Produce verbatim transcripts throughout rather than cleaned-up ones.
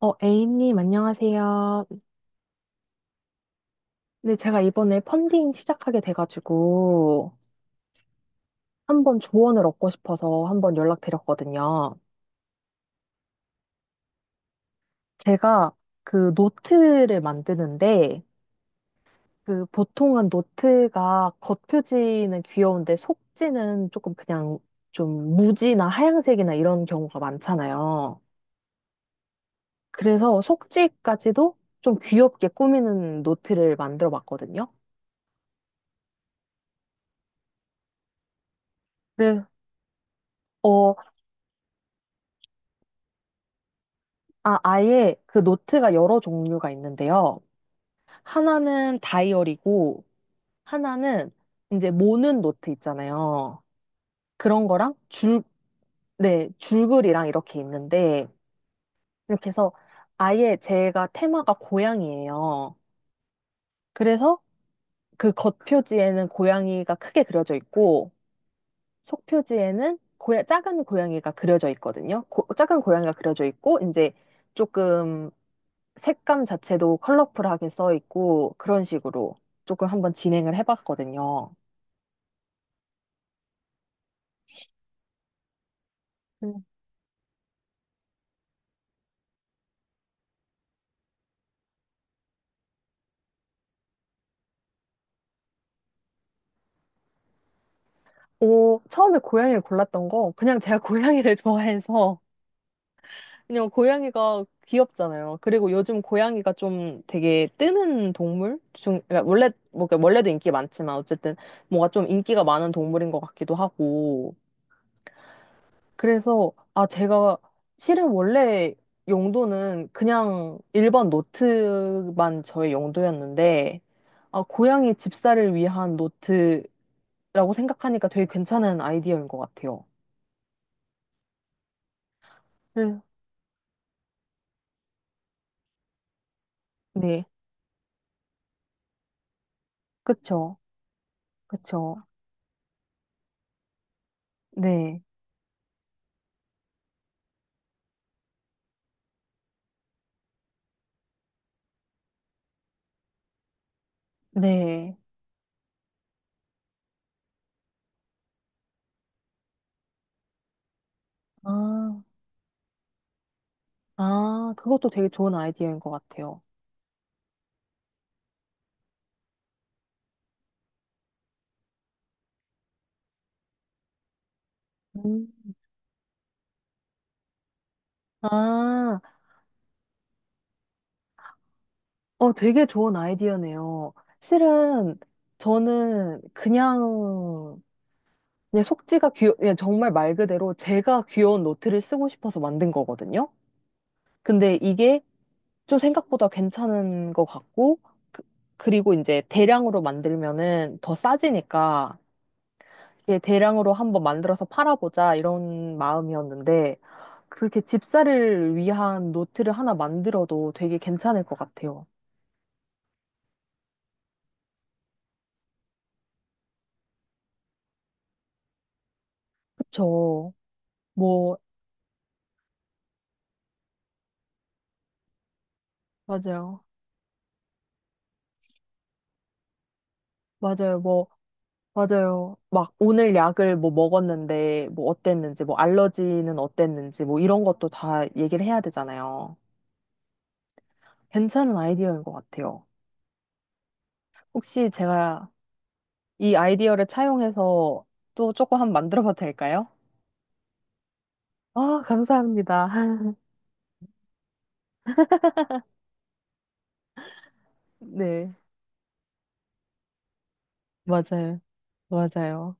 어, A님, 안녕하세요. 네, 제가 이번에 펀딩 시작하게 돼가지고 한번 조언을 얻고 싶어서 한번 연락드렸거든요. 제가 그 노트를 만드는데 그 보통은 노트가 겉표지는 귀여운데 속지는 조금 그냥 좀 무지나 하얀색이나 이런 경우가 많잖아요. 그래서 속지까지도 좀 귀엽게 꾸미는 노트를 만들어 봤거든요. 그래, 어, 아, 아예 그 노트가 여러 종류가 있는데요. 하나는 다이어리고, 하나는 이제 모는 노트 있잖아요. 그런 거랑 줄, 네, 줄글이랑 이렇게 있는데, 이렇게 해서 아예 제가 테마가 고양이예요. 그래서 그 겉표지에는 고양이가 크게 그려져 있고, 속표지에는 고야, 작은 고양이가 그려져 있거든요. 고- 작은 고양이가 그려져 있고, 이제 조금 색감 자체도 컬러풀하게 써 있고 그런 식으로 조금 한번 진행을 해봤거든요. 음. 오, 처음에 고양이를 골랐던 거 그냥 제가 고양이를 좋아해서 그냥 고양이가 귀엽잖아요. 그리고 요즘 고양이가 좀 되게 뜨는 동물 중 그러니까 원래 뭐 그러니까 원래도 인기 많지만 어쨌든 뭔가 좀 인기가 많은 동물인 것 같기도 하고 그래서, 아, 제가 실은 원래 용도는 그냥 일반 노트만 저의 용도였는데, 아, 고양이 집사를 위한 노트라고 생각하니까 되게 괜찮은 아이디어인 것 같아요. 그래- 네, 그쵸, 그쵸. 네, 네. 아, 아, 그것도 되게 좋은 아이디어인 것 같아요. 음. 아, 어, 되게 좋은 아이디어네요. 실은 저는 그냥 그냥 속지가 귀여, 그냥 정말 말 그대로 제가 귀여운 노트를 쓰고 싶어서 만든 거거든요. 근데 이게 좀 생각보다 괜찮은 것 같고, 그, 그리고 이제 대량으로 만들면은 더 싸지니까, 이게 대량으로 한번 만들어서 팔아보자 이런 마음이었는데, 그렇게 집사를 위한 노트를 하나 만들어도 되게 괜찮을 것 같아요. 그쵸. 뭐, 맞아요. 맞아요. 뭐, 맞아요. 막 오늘 약을 뭐 먹었는데 뭐 어땠는지, 뭐 알러지는 어땠는지, 뭐 이런 것도 다 얘기를 해야 되잖아요. 괜찮은 아이디어인 것 같아요. 혹시 제가 이 아이디어를 차용해서 또 조금 한번 만들어 봐도 될까요? 아, 감사합니다. 네, 맞아요. 맞아요.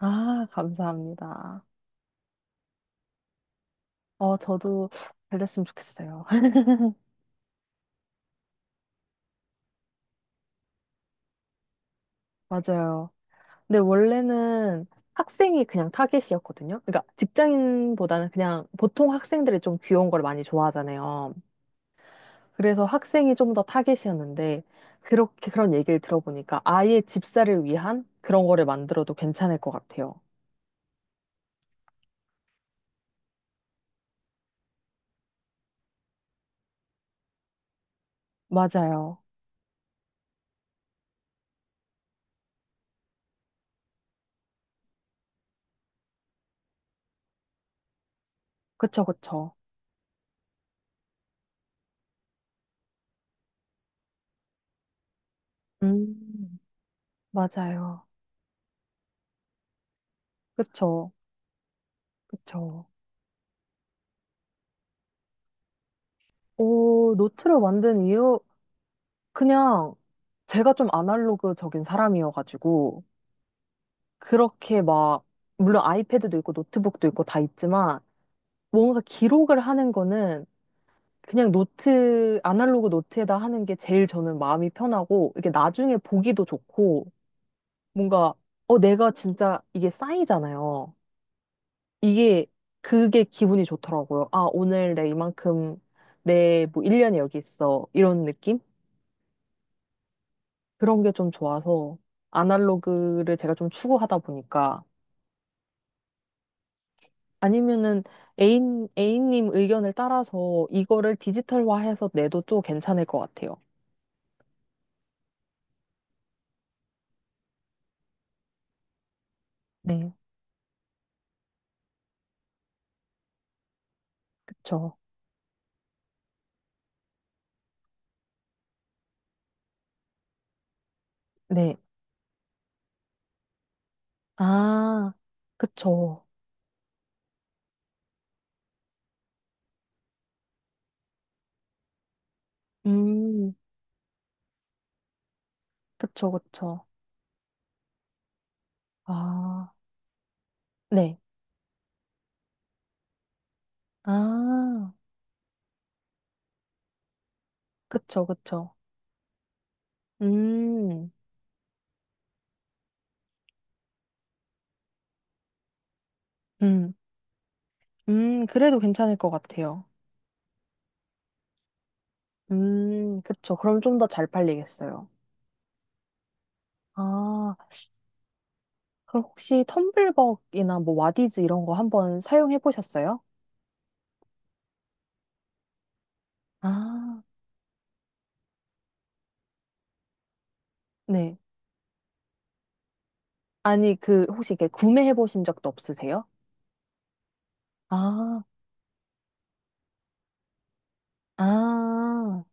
아, 감사합니다. 어, 저도 잘 됐으면 좋겠어요. 맞아요. 근데 원래는 학생이 그냥 타겟이었거든요. 그러니까 직장인보다는 그냥 보통 학생들이 좀 귀여운 걸 많이 좋아하잖아요. 그래서 학생이 좀 더 타겟이었는데 그렇게 그런 얘기를 들어보니까 아예 집사를 위한 그런 거를 만들어도 괜찮을 것 같아요. 맞아요. 그쵸, 그쵸. 음, 맞아요. 그쵸, 그쵸. 오, 노트를 만든 이유, 그냥 제가 좀 아날로그적인 사람이어가지고 그렇게 막, 물론 아이패드도 있고 노트북도 있고 다 있지만, 뭔가 기록을 하는 거는 그냥 노트, 아날로그 노트에다 하는 게 제일 저는 마음이 편하고, 이게 나중에 보기도 좋고, 뭔가, 어, 내가 진짜 이게 쌓이잖아요. 이게, 그게 기분이 좋더라고요. 아, 오늘 내 이만큼, 내 뭐 일 년이 여기 있어. 이런 느낌? 그런 게 좀 좋아서, 아날로그를 제가 좀 추구하다 보니까, 아니면은 애인, 애인님 의견을 따라서 이거를 디지털화해서 내도 또 괜찮을 것 같아요. 네, 그쵸. 네. 아, 그쵸. 음, 그쵸, 그쵸. 아, 네. 아, 그쵸, 그쵸. 음, 음, 음, 그래도 괜찮을 것 같아요. 음, 그쵸. 그럼 좀 더 잘 팔리겠어요. 아, 그럼 혹시 텀블벅이나 뭐 와디즈 이런 거 한번 사용해 보셨어요? 아, 네. 아니, 그, 혹시 이렇게 구매해 보신 적도 없으세요? 아, 아,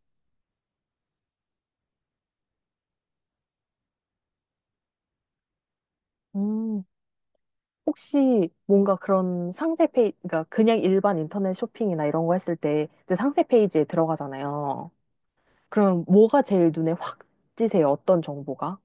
음. 혹시 뭔가 그런 상세 페이지, 그러니까 그냥 일반 인터넷 쇼핑이나 이런 거 했을 때 이제 상세 페이지에 들어가잖아요. 그럼 뭐가 제일 눈에 확 띄세요? 어떤 정보가?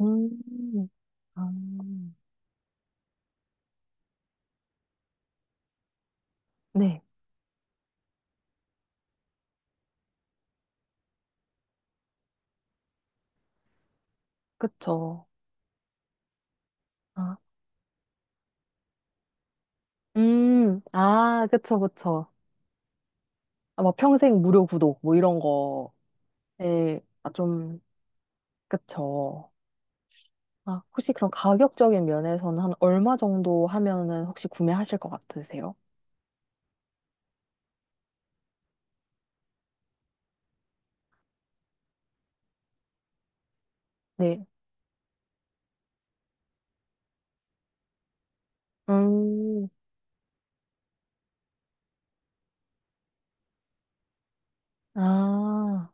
음, 아, 네, 그쵸. 아, 음, 아, 그쵸, 그쵸. 아, 뭐 평생 무료 구독, 뭐 이런 거. 에 아, 좀, 그쵸. 아, 혹시 그럼 가격적인 면에서는 한 얼마 정도 하면은 혹시 구매하실 것 같으세요? 네. 음, 아,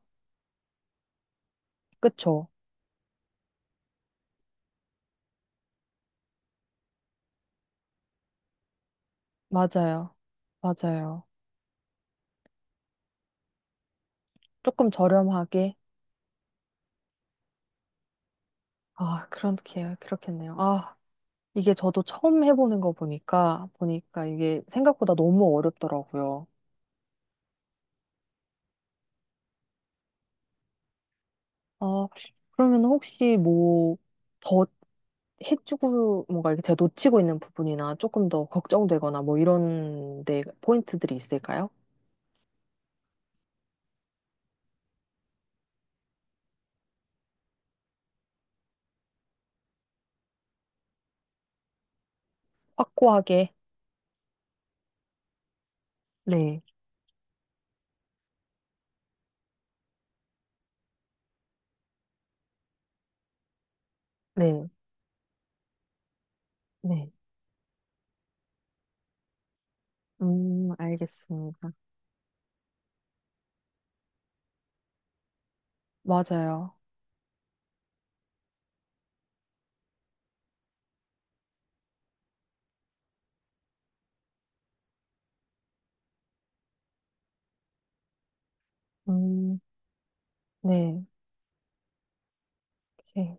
그쵸. 맞아요. 맞아요. 조금 저렴하게. 아, 그렇게, 그렇겠네요. 아, 이게 저도 처음 해보는 거 보니까, 보니까 이게 생각보다 너무 어렵더라고요. 어, 그러면 혹시 뭐, 더 해주고, 뭔가 이렇게 제가 놓치고 있는 부분이나 조금 더 걱정되거나 뭐 이런 데 포인트들이 있을까요? 확고하게. 네, 네, 네. 음, 알겠습니다. 맞아요. 음, 네. 네.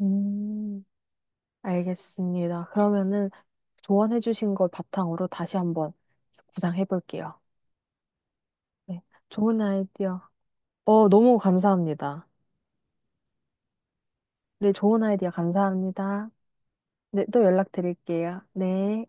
음, 알겠습니다. 그러면은 조언해 주신 걸 바탕으로 다시 한번 구상해 볼게요. 네. 좋은 아이디어. 어, 너무 감사합니다. 네, 좋은 아이디어 감사합니다. 네, 또 연락 드릴게요. 네.